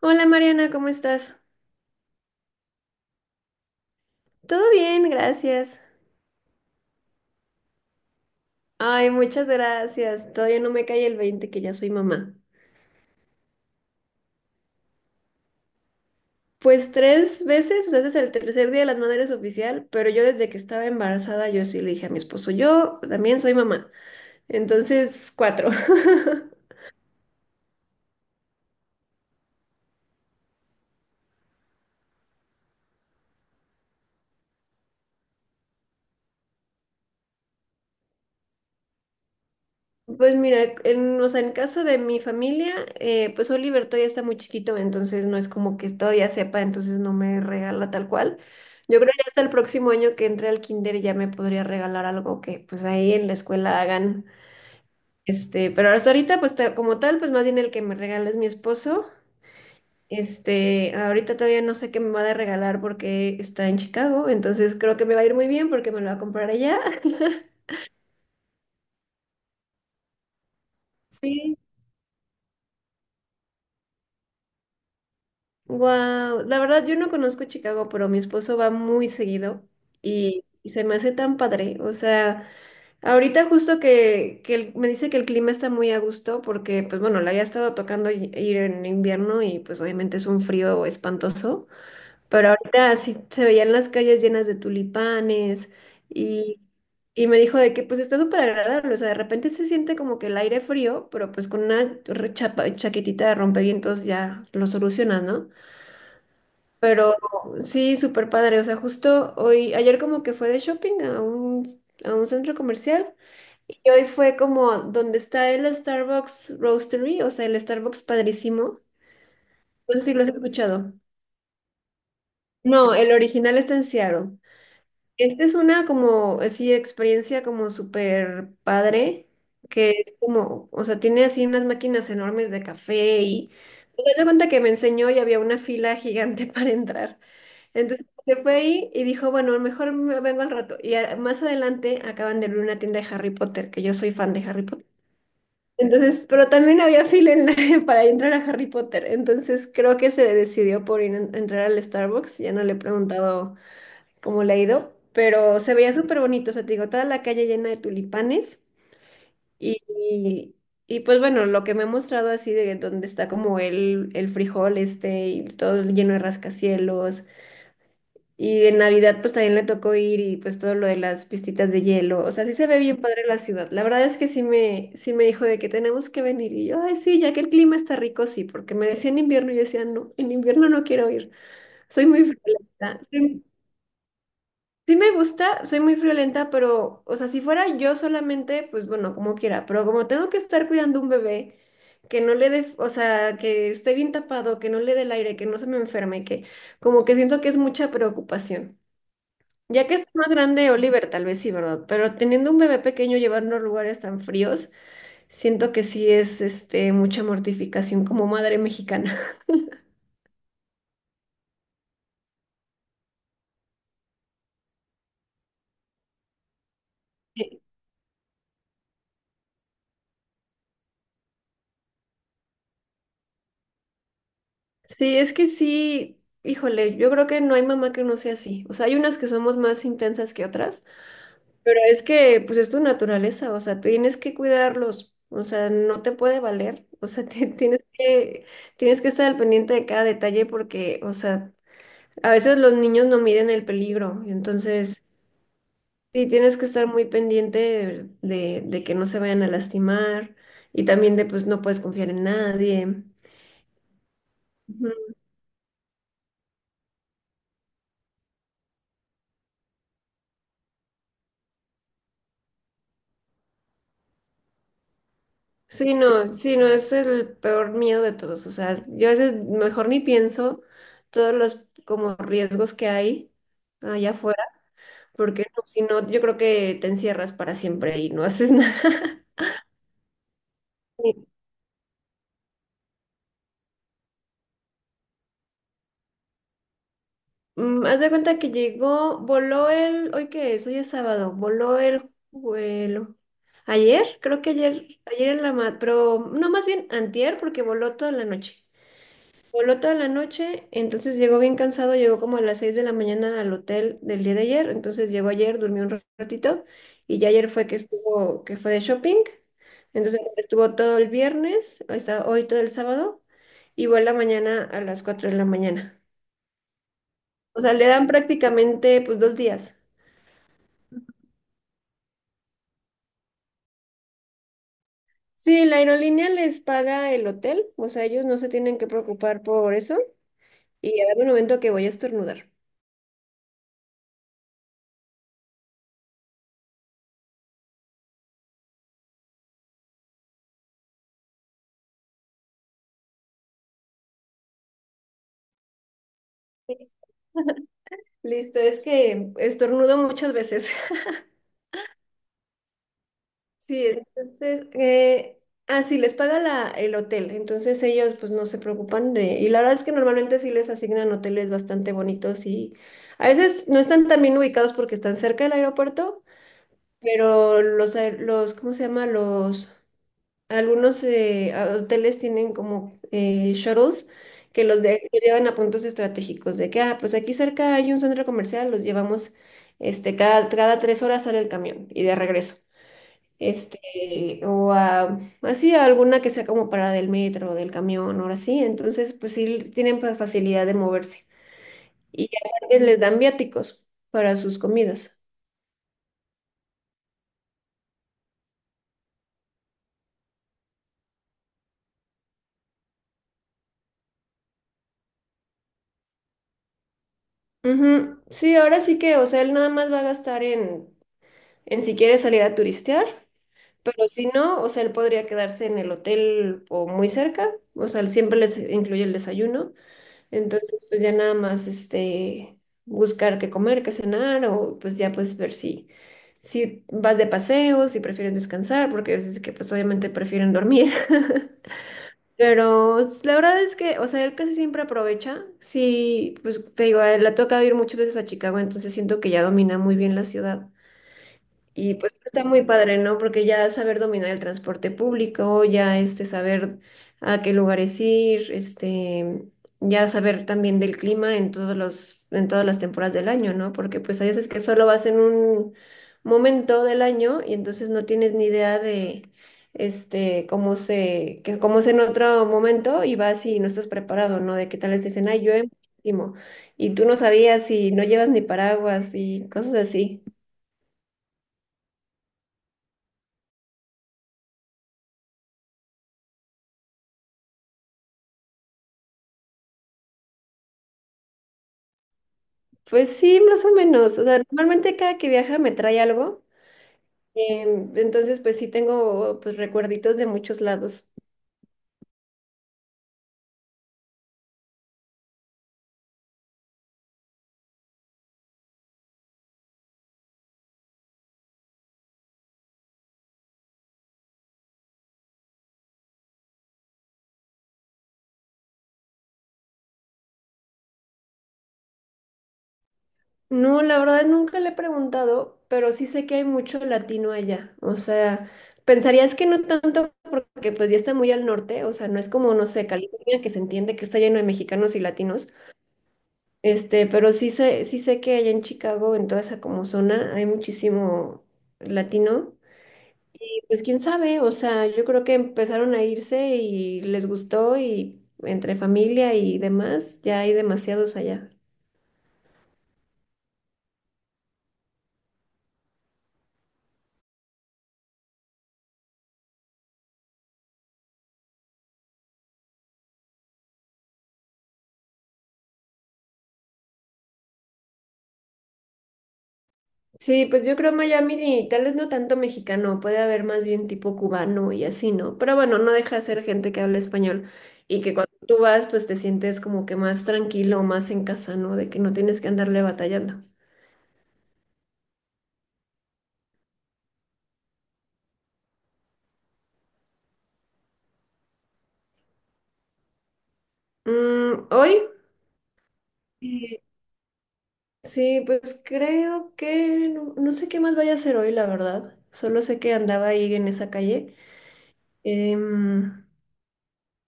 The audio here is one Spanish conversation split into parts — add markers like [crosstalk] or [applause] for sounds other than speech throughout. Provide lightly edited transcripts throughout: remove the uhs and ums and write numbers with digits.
Hola Mariana, ¿cómo estás? Todo bien, gracias. Ay, muchas gracias. Todavía no me cae el 20 que ya soy mamá. Pues tres veces, o sea, este es el tercer día de las madres oficial, pero yo desde que estaba embarazada yo sí le dije a mi esposo, yo también soy mamá. Entonces, cuatro. [laughs] Pues mira, o sea, en caso de mi familia, pues Oliver todavía está muy chiquito, entonces no es como que todavía sepa, entonces no me regala tal cual. Yo creo que hasta el próximo año que entre al kinder ya me podría regalar algo que pues ahí en la escuela hagan. Pero hasta ahorita, pues como tal, pues más bien el que me regala es mi esposo. Ahorita todavía no sé qué me va a regalar porque está en Chicago, entonces creo que me va a ir muy bien porque me lo va a comprar allá. [laughs] Sí. Wow, la verdad yo no conozco Chicago, pero mi esposo va muy seguido y se me hace tan padre. O sea, ahorita justo que, me dice que el clima está muy a gusto porque, pues bueno, le había estado tocando ir en invierno y pues obviamente es un frío espantoso, pero ahorita sí se veían las calles llenas de tulipanes y, y me dijo de que pues está súper agradable. O sea, de repente se siente como que el aire frío, pero pues con una chaquetita de rompevientos ya lo solucionas, ¿no? Pero sí, súper padre. O sea, justo hoy, ayer como que fue de shopping a un centro comercial y hoy fue como donde está el Starbucks Roastery, o sea, el Starbucks padrísimo. No sé si lo has escuchado. No, el original está en Seattle. Esta es una como, así, experiencia como súper padre, que es como, o sea, tiene así unas máquinas enormes de café y me doy cuenta que me enseñó y había una fila gigante [laughs] para entrar. Entonces se fue ahí y dijo, bueno, mejor me vengo al rato. Y más adelante acaban de abrir una tienda de Harry Potter, que yo soy fan de Harry Potter. Entonces, pero también había fila en [laughs] para entrar a Harry Potter. Entonces creo que se decidió por ir entrar al Starbucks. Ya no le he preguntado cómo le ha ido, pero se veía súper bonito. O sea, te digo, toda la calle llena de tulipanes. Y, y, y, pues bueno, lo que me ha mostrado así de donde está como el frijol este y todo lleno de rascacielos y en Navidad pues también le tocó ir y pues todo lo de las pistitas de hielo. O sea, sí se ve bien padre la ciudad. La verdad es que sí me dijo de que tenemos que venir. Y yo, ay, sí, ya que el clima está rico, sí, porque me decía en invierno y yo decía, no, en invierno no quiero ir. Soy muy friolenta. Sí, sí me gusta, soy muy friolenta, pero, o sea, si fuera yo solamente, pues bueno, como quiera. Pero como tengo que estar cuidando un bebé, que no le dé, o sea, que esté bien tapado, que no le dé el aire, que no se me enferme, que como que siento que es mucha preocupación. Ya que está más grande Oliver, tal vez sí, ¿verdad? Pero teniendo un bebé pequeño, llevarlo a lugares tan fríos, siento que sí es mucha mortificación como madre mexicana. [laughs] Sí, es que sí, híjole, yo creo que no hay mamá que no sea así. O sea, hay unas que somos más intensas que otras, pero es que pues es tu naturaleza, o sea, tienes que cuidarlos, o sea, no te puede valer, [laughs] o sea, tienes que estar al pendiente de cada detalle porque, o sea, a veces los niños no miden el peligro, entonces. Sí, tienes que estar muy pendiente de que no se vayan a lastimar y también de pues no puedes confiar en nadie. Ujú. Sí, no, sí, no, es el peor miedo de todos. O sea, yo a veces mejor ni pienso todos los como riesgos que hay allá afuera, porque no, si no, yo creo que te encierras para siempre y no haces nada. [laughs] Haz de cuenta que llegó, voló el, ¿hoy qué es? Hoy es sábado, voló el vuelo. Ayer, creo que ayer en la mat, pero no, más bien antier, porque voló toda la noche. Voló toda la noche, entonces llegó bien cansado, llegó como a las 6 de la mañana al hotel del día de ayer, entonces llegó ayer, durmió un ratito, y ya ayer fue que estuvo, que fue de shopping, entonces estuvo todo el viernes, está hoy todo el sábado, y vuela mañana a las 4 de la mañana. O sea, le dan prácticamente pues 2 días. Sí, la aerolínea les paga el hotel, o sea, ellos no se tienen que preocupar por eso. Y a ver un momento que voy a estornudar. Listo, es que estornudo muchas veces. [laughs] Sí, entonces, sí, les paga el hotel, entonces ellos pues no se preocupan de, y la verdad es que normalmente sí les asignan hoteles bastante bonitos y a veces no están tan bien ubicados porque están cerca del aeropuerto, pero los, ¿cómo se llama? Los. Algunos hoteles tienen como shuttles que los llevan a puntos estratégicos de que, pues aquí cerca hay un centro comercial, los llevamos, cada 3 horas sale el camión y de regreso. Así a alguna que sea como parada del metro o del camión, ahora sí. Entonces, pues sí tienen facilidad de moverse. Y aparte les dan viáticos para sus comidas. Ujú. Sí, ahora sí que, o sea, él nada más va a gastar en, si quiere salir a turistear. Pero si no, o sea, él podría quedarse en el hotel o muy cerca, o sea, él siempre les incluye el desayuno, entonces pues ya nada más buscar qué comer, qué cenar o pues ya pues ver si vas de paseo, si prefieren descansar, porque a veces que pues obviamente prefieren dormir. [laughs] Pero la verdad es que, o sea, él casi siempre aprovecha. Sí, pues te digo, a él le ha tocado ir muchas veces a Chicago, entonces siento que ya domina muy bien la ciudad. Y pues está muy padre, ¿no? Porque ya saber dominar el transporte público, ya saber a qué lugares ir, ya saber también del clima en todas las temporadas del año, ¿no? Porque pues hay veces que solo vas en un momento del año y entonces no tienes ni idea de este cómo se, que cómo es en otro momento y vas y no estás preparado, ¿no? De que tal vez te dicen, ay, llueve muchísimo", y tú no sabías y no llevas ni paraguas y cosas así. Pues sí, más o menos. O sea, normalmente cada que viaja me trae algo. Entonces, pues sí tengo pues recuerditos de muchos lados. No, la verdad nunca le he preguntado, pero sí sé que hay mucho latino allá. O sea, pensarías que no tanto porque pues ya está muy al norte. O sea, no es como, no sé, California que se entiende que está lleno de mexicanos y latinos. Pero sí sé que allá en Chicago, en toda esa como zona, hay muchísimo latino. Pues quién sabe, o sea, yo creo que empezaron a irse y les gustó y entre familia y demás, ya hay demasiados allá. Sí, pues yo creo Miami y tal vez no tanto mexicano, puede haber más bien tipo cubano y así, ¿no? Pero bueno, no deja de ser gente que habla español y que cuando tú vas, pues te sientes como que más tranquilo, más en casa, ¿no? De que no tienes que andarle batallando. Hoy, eh, sí, pues creo que no, no sé qué más vaya a hacer hoy, la verdad. Solo sé que andaba ahí en esa calle. Em,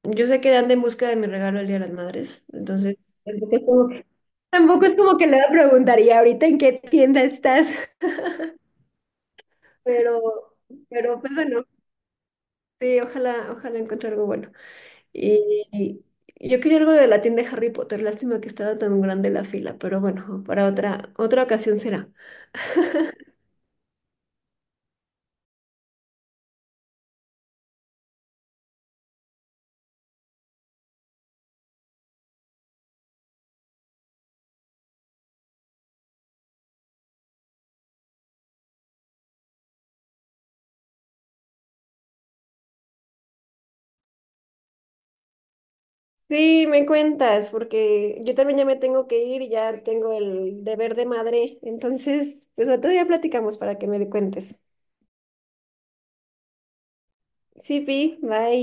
yo sé que anda en busca de mi regalo el Día de las Madres, entonces tampoco es como, tampoco es como que le preguntaría ahorita en qué tienda estás, [laughs] pero, pero pues bueno, sí, ojalá encuentre algo bueno. Y yo quería algo de la tienda de Harry Potter, lástima que estaba tan grande la fila, pero bueno, para otra ocasión será. Sí, me cuentas, porque yo también ya me tengo que ir, ya tengo el deber de madre, entonces pues otro día platicamos para que me cuentes. Sí, Pi, bye.